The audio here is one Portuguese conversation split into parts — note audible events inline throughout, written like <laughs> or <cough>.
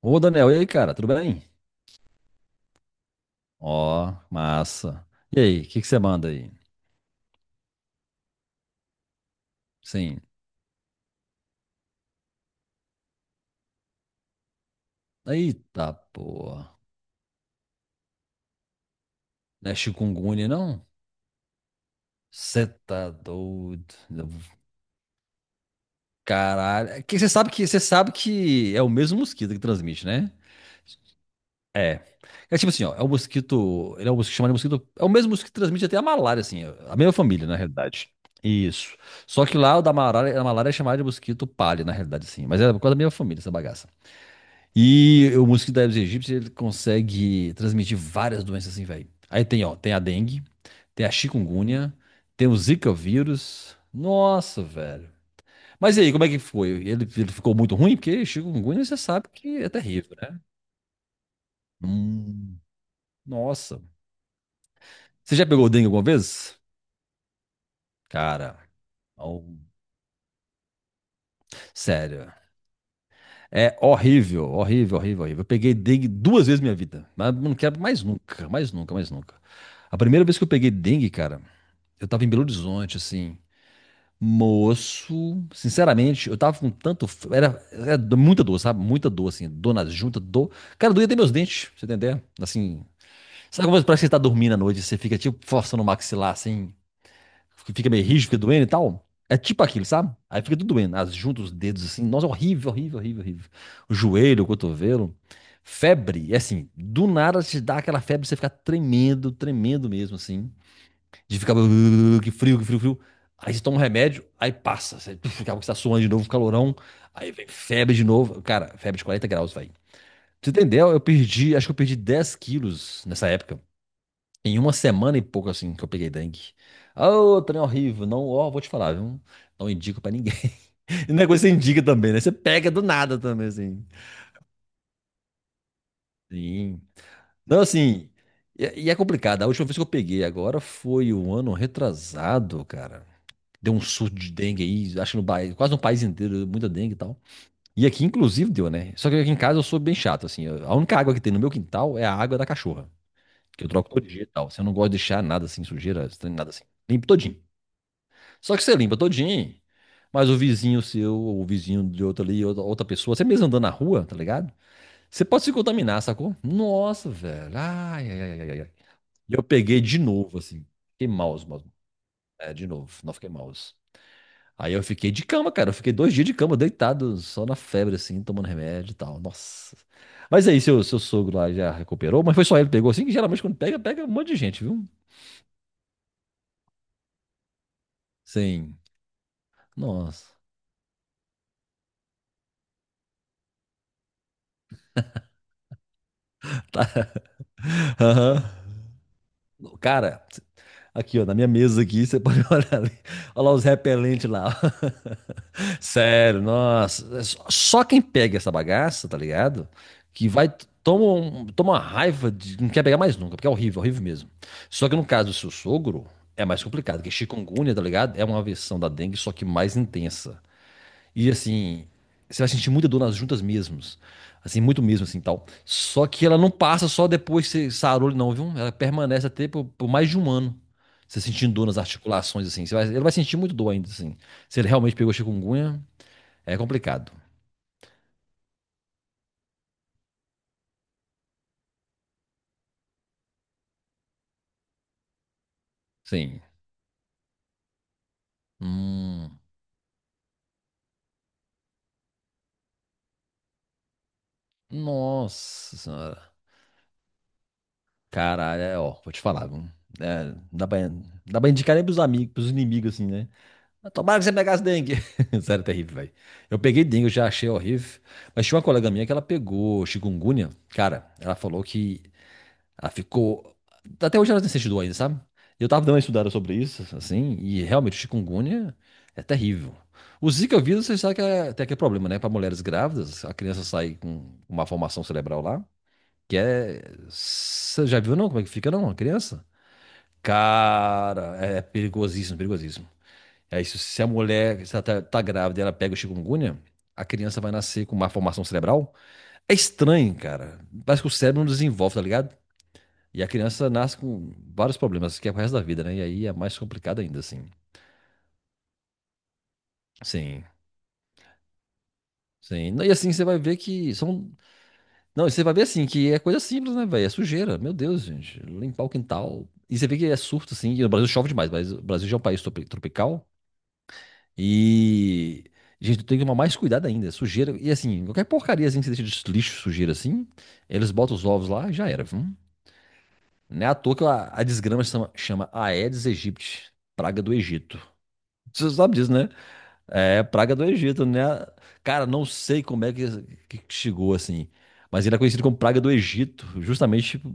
Ô, Daniel, e aí, cara, tudo bem? Ó, massa. E aí, o que que você manda aí? Sim. Eita, porra. Não é chikungunya, não? Você tá doido. Caralho. É que você sabe que é o mesmo mosquito que transmite, né? É. É tipo assim, ó, é o mosquito, ele é um mosquito chamado mosquito, é o mesmo mosquito que transmite até a malária, assim, a mesma família, na realidade. Isso. Só que lá o da malária, a malária é chamada de mosquito palha, na realidade, assim, mas é por causa da mesma família, essa bagaça. E o mosquito da Aedes aegypti, ele consegue transmitir várias doenças assim, velho. Aí tem, ó, tem a dengue, tem a chikungunya, tem o Zika vírus. Nossa, velho. Mas e aí, como é que foi? Ele ficou muito ruim? Porque chikungunya, você sabe que é terrível, né? Hum, nossa. Você já pegou dengue alguma vez? Cara, ó, sério. É horrível, horrível, horrível, horrível. Eu peguei dengue duas vezes na minha vida. Mas não quero mais nunca, mais nunca, mais nunca. A primeira vez que eu peguei dengue, cara, eu tava em Belo Horizonte, assim. Moço, sinceramente, eu tava com tanto. Era muita dor, sabe? Muita dor, assim. Dor nas juntas, dor. Cara, doía até meus dentes, pra você entender? Assim. Sabe como parece que você tá dormindo à noite e você fica, tipo, forçando o maxilar, assim. Que Fica meio rígido, fica doendo e tal. É tipo aquilo, sabe? Aí fica tudo doendo. As juntas, os dedos, assim. Nossa, horrível, horrível, horrível, horrível. O joelho, o cotovelo. Febre, é assim. Do nada te dá aquela febre, você fica tremendo, tremendo mesmo, assim. De ficar que frio, frio. Aí você toma um remédio, aí passa. Você <laughs> fica, você tá suando de novo, calorão. Aí vem febre de novo. Cara, febre de 40 graus, velho. Pra você entender, eu perdi, acho que eu perdi 10 quilos nessa época. Em uma semana e pouco, assim, que eu peguei dengue. Ô, trem é horrível. Não, ó, vou te falar, viu? Não indico pra ninguém. <laughs> E não é coisa que você indica também, né? Você pega do nada também, assim. Sim. Não, assim. E é complicado. A última vez que eu peguei agora foi o ano retrasado, cara. Deu um surto de dengue aí, acho que no país, quase no país inteiro, muita dengue e tal. E aqui, inclusive, deu, né? Só que aqui em casa eu sou bem chato, assim. A única água que tem no meu quintal é a água da cachorra, que eu troco todo dia e tal. Você não gosta de deixar nada assim, sujeira, estranho, nada assim. Limpo todinho. Só que você limpa todinho, mas o vizinho seu, ou o vizinho de outro ali, outra pessoa, você mesmo andando na rua, tá ligado? Você pode se contaminar, sacou? Nossa, velho. Ai, ai, ai, ai, ai. E eu peguei de novo, assim. Fiquei mouse, mouse. É, de novo. Não fiquei mouse. Aí eu fiquei de cama, cara. Eu fiquei 2 dias de cama, deitado, só na febre, assim, tomando remédio e tal. Nossa. Mas aí, seu sogro lá já recuperou, mas foi só ele que pegou assim, que geralmente quando pega, pega um monte de gente, viu? Sim. Nossa. <laughs> Tá. Aham. Cara, aqui, ó, na minha mesa aqui, você pode <laughs> olhar ali. Olha lá os repelentes lá. Sério, nossa. Só quem pega essa bagaça, tá ligado? Que vai. Toma uma raiva de. Não quer pegar mais nunca, porque é horrível, horrível mesmo. Só que no caso do seu sogro, é mais complicado, porque chikungunya, tá ligado? É uma versão da dengue, só que mais intensa. E assim, você vai sentir muita dor nas juntas mesmos. Assim, muito mesmo, assim, tal. Só que ela não passa só depois que você sarou, não, viu? Ela permanece até por mais de um ano. Você sentindo dor nas articulações, assim. Ele vai sentir muito dor ainda, assim. Se ele realmente pegou chikungunya, é complicado. Sim. Hum, nossa senhora. Caralho, é, ó, vou te falar, viu? É, dá pra indicar nem pros amigos, pros inimigos, assim, né? Mas tomara que você pegasse dengue. <laughs> Sério, é terrível, velho. Eu peguei dengue, eu já achei horrível. Mas tinha uma colega minha que ela pegou chikungunya. Cara, ela falou que ela ficou. Até hoje ela tem esse estudou ainda, sabe? Eu tava dando uma estudada sobre isso, assim, e realmente o chikungunya é terrível. O Zika vírus, vocês sabem que é, tem aquele problema, né? Para mulheres grávidas, a criança sai com uma formação cerebral lá, que é. Você já viu, não? Como é que fica, não? A criança? Cara, é perigosíssimo, perigosíssimo. É isso. Se a mulher, se ela tá grávida e ela pega o chikungunya, a criança vai nascer com uma formação cerebral. É estranho, cara. Parece que o cérebro não desenvolve, tá ligado? E a criança nasce com vários problemas, que é pro resto da vida, né? E aí é mais complicado ainda, assim. Sim, sim. Não, e assim, você vai ver que são. Não, e você vai ver assim, que é coisa simples, né, velho? É sujeira. Meu Deus, gente. Limpar o quintal. E você vê que é surto, assim. E no Brasil chove demais, mas o Brasil já é um país tropical. E. Gente, tem que tomar mais cuidado ainda. É sujeira. E assim, qualquer porcaria assim que você deixa de lixo, sujeira assim, eles botam os ovos lá e já era, viu? Não é à toa que a desgrama chama Aedes aegypti, praga do Egito. Você sabe disso, né? É, praga do Egito, né? Cara, não sei como é que chegou assim, mas ele é conhecido como praga do Egito, justamente, tipo,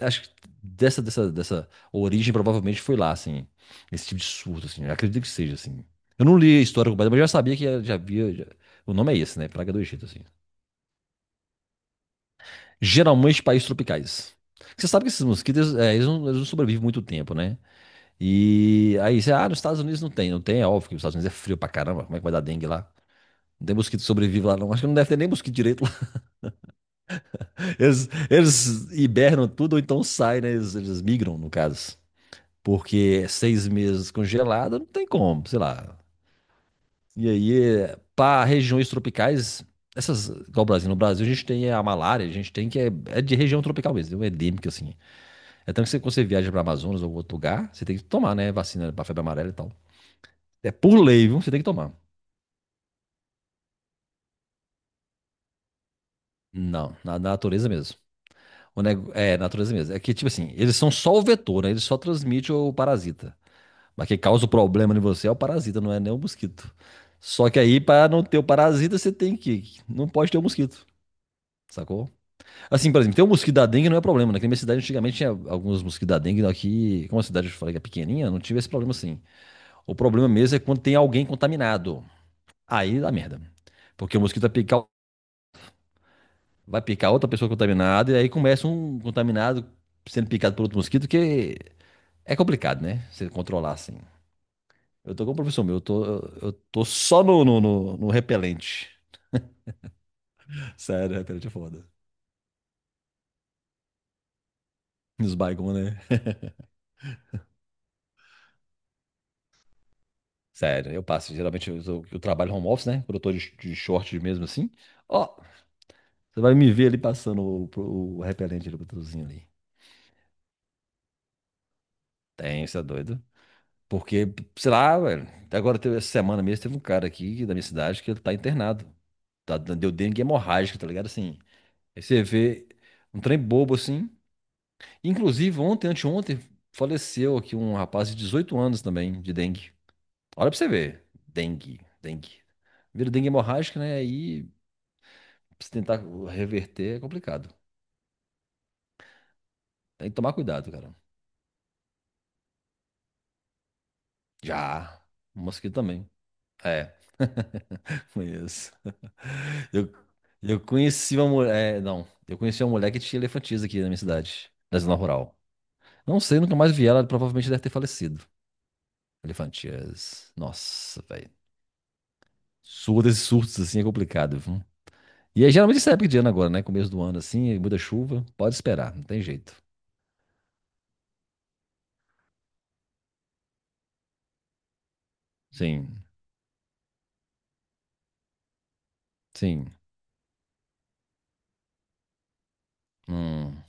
acho que dessa origem provavelmente foi lá, assim, esse tipo de surto, assim, eu acredito que seja, assim. Eu não li a história completa, mas eu já sabia que o nome é esse, né? Praga do Egito, assim. Geralmente países tropicais. Você sabe que esses mosquitos, é, eles não sobrevivem muito tempo, né? E aí você, ah, nos Estados Unidos não tem, é óbvio que os Estados Unidos é frio pra caramba, como é que vai dar dengue lá? Não tem mosquito que sobrevive lá, não. Acho que não deve ter nem mosquito direito lá. <laughs> Eles hibernam tudo, ou então saem, né? Eles migram, no caso. Porque é 6 meses congelado, não tem como, sei lá. E aí, para regiões tropicais, essas, igual o Brasil, no Brasil a gente tem a malária, a gente tem que é, é de região tropical mesmo, é endêmica assim. É tanto que você, quando você viaja para Amazonas ou outro lugar, você tem que tomar, né? Vacina para febre amarela e tal. É por lei, viu? Você tem que tomar. Não, na natureza mesmo. É, natureza mesmo. É que, tipo assim, eles são só o vetor, né? Eles só transmitem o parasita. Mas quem causa o problema em você é o parasita, não é nem o mosquito. Só que aí, para não ter o parasita, você tem que. Não pode ter o mosquito, sacou? Assim, por exemplo, ter o mosquito da dengue não é problema, né? que Na minha cidade, antigamente, tinha alguns mosquitos da dengue. Aqui, como a cidade eu falei que é pequenininha, não tive esse problema assim. O problema mesmo é quando tem alguém contaminado. Aí dá merda. Porque o mosquito vai picar outra pessoa contaminada, e aí começa um contaminado sendo picado por outro mosquito, que é complicado, né? Você controlar assim. Eu tô com um professor meu, eu tô só no repelente. Sério, repelente é foda. Nos baigons, né? Sério, eu passo. Geralmente eu trabalho home office, né? Quando eu tô de short mesmo assim. Ó, você vai me ver ali passando o repelente ali, o patrocinho ali. Tem, isso é doido. Porque, sei lá, velho. Até agora, essa semana mesmo, teve um cara aqui da minha cidade que ele tá internado. Tá, deu dengue hemorrágica, tá ligado? Assim. Aí você vê um trem bobo assim. Inclusive, ontem, anteontem, faleceu aqui um rapaz de 18 anos também, de dengue. Olha pra você ver. Dengue, dengue. Vira dengue hemorrágica, né? Aí, se tentar reverter, é complicado. Tem que tomar cuidado, cara. Já. O mosquito também. É, conheço. <laughs> Eu, eu conheci uma mulher. É, não, eu conheci uma mulher que tinha elefantias aqui na minha cidade, na zona rural. Não sei, nunca mais vi ela, provavelmente deve ter falecido. Elefantias. Nossa, velho. Surdos e surtos assim é complicado, e é geralmente essa época de ano agora, né? Começo do ano, assim, muda chuva. Pode esperar, não tem jeito. Sim, sim. Hum.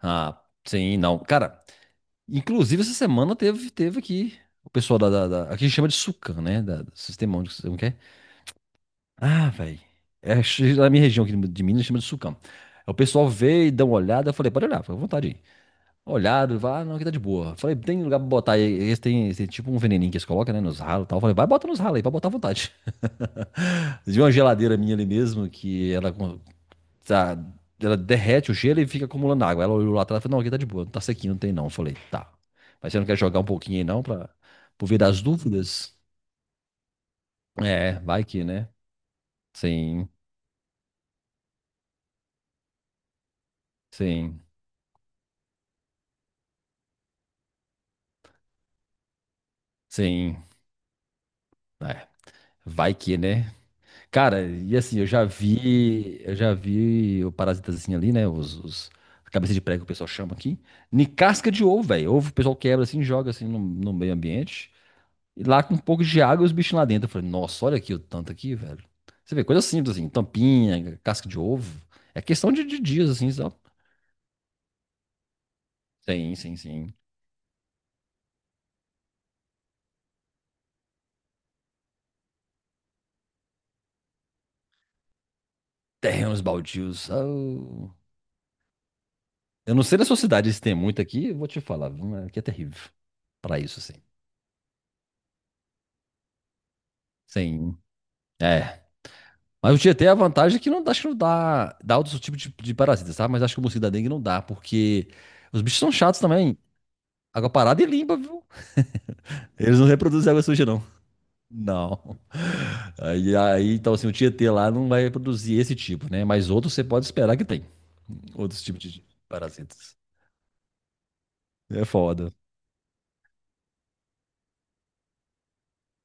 Ah, sim, não. Cara, inclusive essa semana teve aqui o pessoal da. Aqui a gente chama de Sucam, né? Do Sistema Único, como que é? Ah, velho. É, na minha região aqui de Minas chama de Sucam. Aí o pessoal veio, dá uma olhada, eu falei, pode olhar, fica à vontade aí. Olhado, vai, ah, não, aqui tá de boa. Falei, tem lugar pra botar aí, esse tem tipo um veneninho que eles colocam, né, nos ralos e tal. Falei, vai, bota nos ralos aí, pode botar à vontade. Vocês viram uma geladeira minha ali mesmo, que ela, tá, ela derrete o gelo e fica acumulando água. Ela olhou lá atrás e falou, não, aqui tá de boa, não tá sequinho, não tem não. Eu falei, tá. Mas você não quer jogar um pouquinho aí não, pra, por via das dúvidas? É, vai que, né? Sim, sim, sim. É, vai que, né? Cara, e assim, eu já vi o parasitazinho ali, né? Os cabeça de prego que o pessoal chama aqui. Em casca de ovo, velho. Ovo o pessoal quebra assim, joga assim no meio ambiente. E lá com um pouco de água e os bichinhos lá dentro. Eu falei, nossa, olha aqui o tanto aqui, velho. Você vê, coisa simples assim, tampinha, casca de ovo. É questão de dias, assim, sabe? Sim, sim, sim. Terrenos baldios. Oh. Eu não sei da sua cidade se tem muito aqui, eu vou te falar, viu? Mas aqui é terrível. Pra isso, assim. Sim. É. Mas o Tietê, a vantagem é que não, dá, acho que não dá, dá outros tipos de parasitas, sabe? Mas acho que o mosquito da dengue não dá, porque os bichos são chatos também. Água parada e limpa, viu? Eles não reproduzem água suja, não. Não. Aí, então, assim, o Tietê lá não vai produzir esse tipo, né? Mas outros você pode esperar que tem. Outros tipos de parasitas. É foda.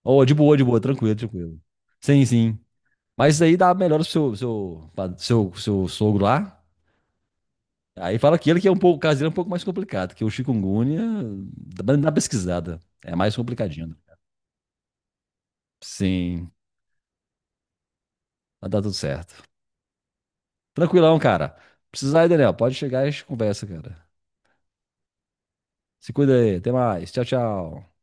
Ô, de boa, tranquilo, tranquilo. Sim, sim. Mas isso aí dá melhor pro seu sogro lá. Aí fala que ele que é um pouco, o caso dele é um pouco mais complicado, que o chikungunya dá uma pesquisada. É mais complicadinho, né? Sim, mas dá tudo certo. Tranquilão, cara. Precisar aí, Daniel, pode chegar e a gente conversa, cara. Se cuida aí. Até mais. Tchau, tchau.